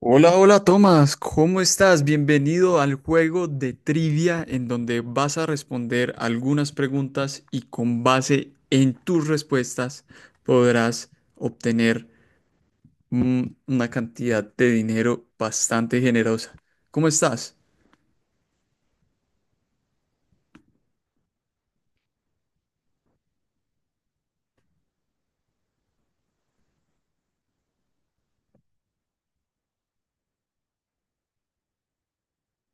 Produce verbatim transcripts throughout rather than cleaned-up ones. Hola, hola Tomás, ¿cómo estás? Bienvenido al juego de trivia en donde vas a responder algunas preguntas y con base en tus respuestas podrás obtener mm, una cantidad de dinero bastante generosa. ¿Cómo estás?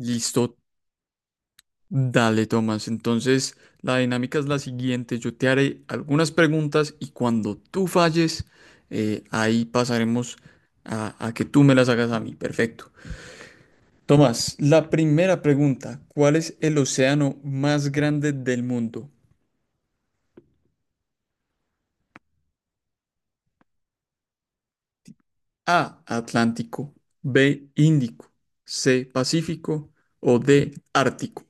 Listo, dale Tomás. Entonces, la dinámica es la siguiente. Yo te haré algunas preguntas y cuando tú falles, eh, ahí pasaremos a a que tú me las hagas a mí. Perfecto. Tomás, la primera pregunta, ¿cuál es el océano más grande del mundo? A, Atlántico, B, Índico, C, Pacífico o D, Ártico.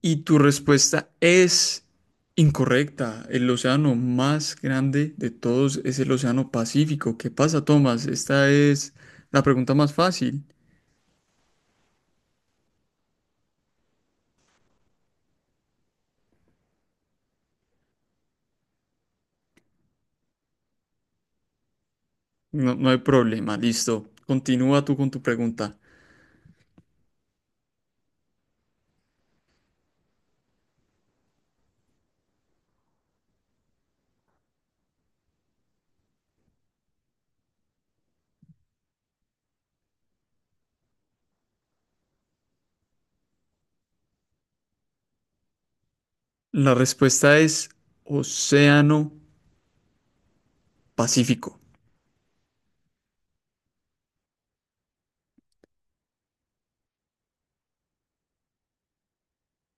Y tu respuesta es incorrecta. El océano más grande de todos es el océano Pacífico. ¿Qué pasa, Tomás? Esta es la pregunta más fácil. No, no hay problema, listo. Continúa tú con tu pregunta. La respuesta es Océano Pacífico.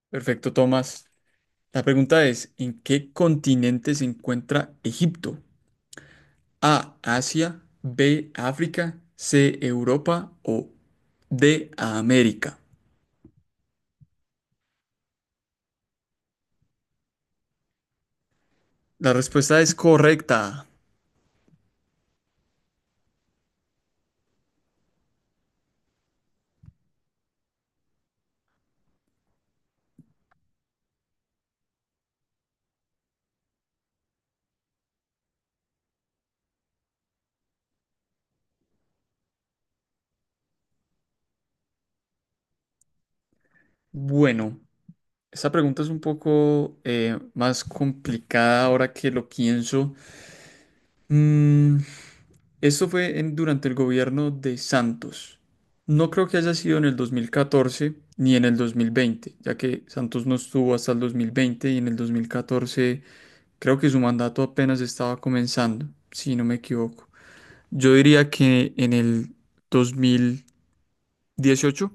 Perfecto, Tomás. La pregunta es, ¿en qué continente se encuentra Egipto? A, Asia, B, África, C, Europa o D, América. La respuesta es correcta. Bueno, esta pregunta es un poco eh, más complicada ahora que lo pienso. Mm, esto fue en- durante el gobierno de Santos. No creo que haya sido en el dos mil catorce ni en el dos mil veinte, ya que Santos no estuvo hasta el dos mil veinte y en el dos mil catorce creo que su mandato apenas estaba comenzando, si no me equivoco. Yo diría que en el dos mil dieciocho,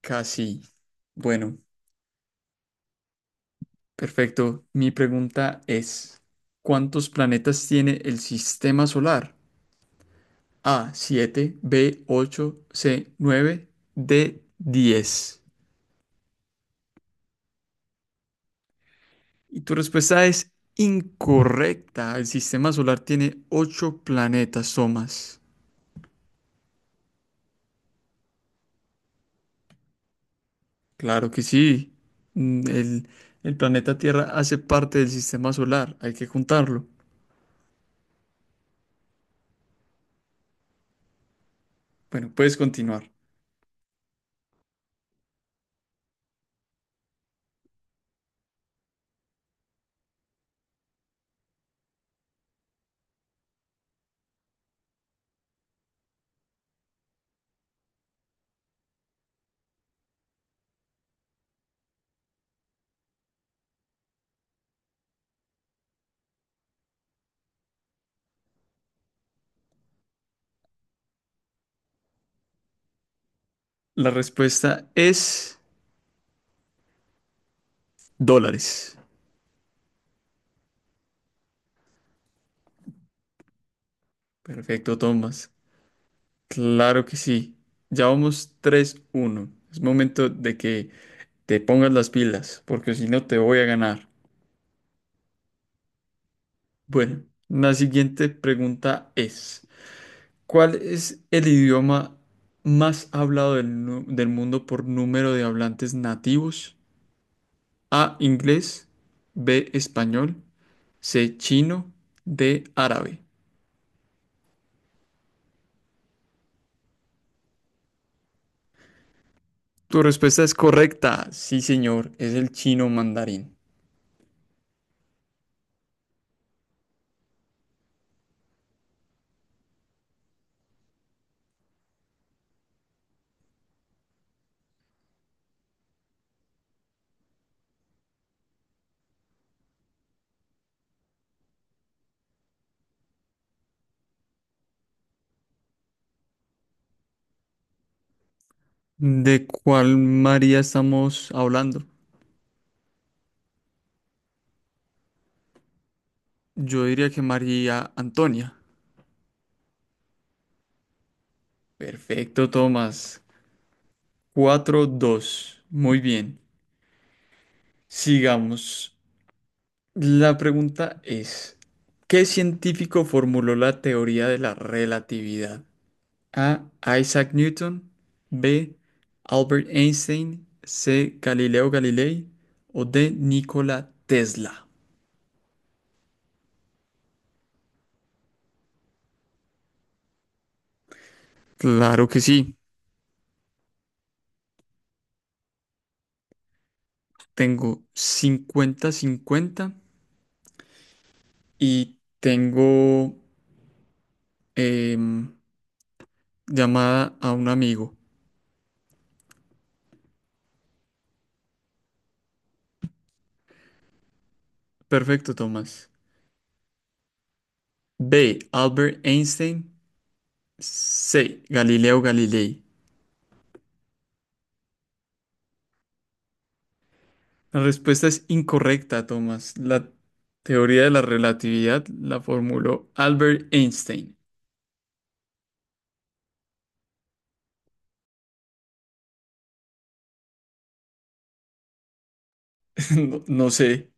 casi. Bueno, perfecto. Mi pregunta es, ¿cuántos planetas tiene el sistema solar? A siete, B ocho, C nueve, D diez. Y tu respuesta es incorrecta. El sistema solar tiene ocho planetas, Somas. Claro que sí. Mm, El, el planeta Tierra hace parte del sistema solar. Hay que juntarlo. Bueno, puedes continuar. La respuesta es dólares. Perfecto, Tomás. Claro que sí. Ya vamos tres uno. Es momento de que te pongas las pilas, porque si no te voy a ganar. Bueno, la siguiente pregunta es, ¿cuál es el idioma más hablado del, nu- del mundo por número de hablantes nativos? A, inglés, B, español, C, chino, D, árabe. Tu respuesta es correcta, sí señor, es el chino mandarín. ¿De cuál María estamos hablando? Yo diría que María Antonia. Perfecto, Tomás. Cuatro dos. Muy bien. Sigamos. La pregunta es, ¿qué científico formuló la teoría de la relatividad? A. Isaac Newton. B. Albert Einstein. C. Galileo Galilei. O D. Nikola Tesla. Claro que sí. Tengo cincuenta cincuenta y tengo em, llamada a un amigo. Perfecto, Tomás. B. Albert Einstein. C. Galileo Galilei. La respuesta es incorrecta, Thomas. La teoría de la relatividad la formuló Albert Einstein. No, no sé.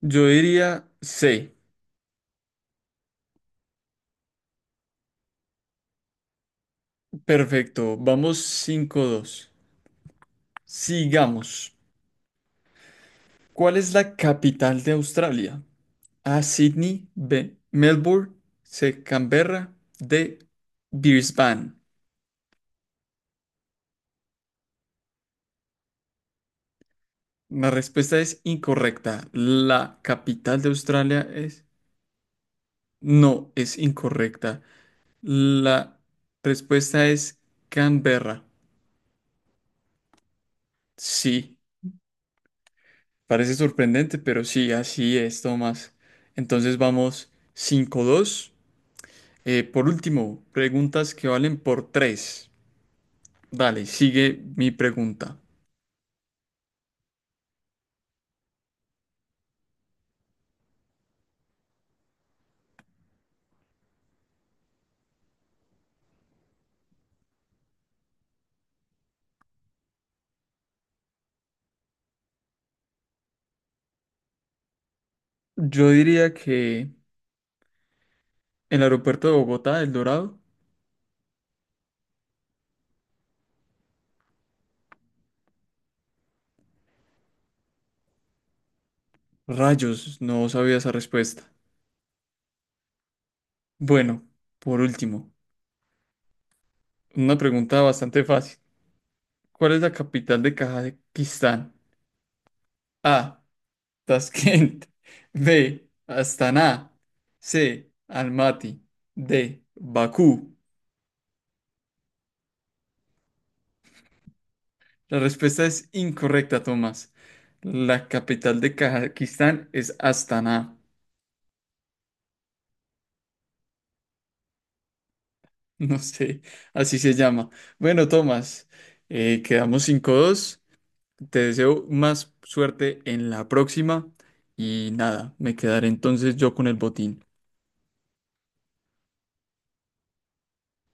Yo diría C. Perfecto. Vamos cinco dos. Sigamos. ¿Cuál es la capital de Australia? A. Sydney. B. Melbourne. C. Canberra. D. Brisbane. La respuesta es incorrecta. La capital de Australia es. No, es incorrecta. La respuesta es Canberra. Sí, parece sorprendente, pero sí, así es, Tomás. Entonces vamos cinco dos. Eh, por último, preguntas que valen por tres. Dale, sigue mi pregunta. Yo diría que el aeropuerto de Bogotá, El Dorado. Rayos, no sabía esa respuesta. Bueno, por último. Una pregunta bastante fácil. ¿Cuál es la capital de Kazajistán? A. Tashkent. B. Astana. C. Almaty. D. Bakú. La respuesta es incorrecta, Tomás. La capital de Kazajistán es Astana. No sé, así se llama. Bueno, Tomás, eh, quedamos cinco dos. Te deseo más suerte en la próxima. Y nada, me quedaré entonces yo con el botín.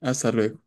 Hasta luego.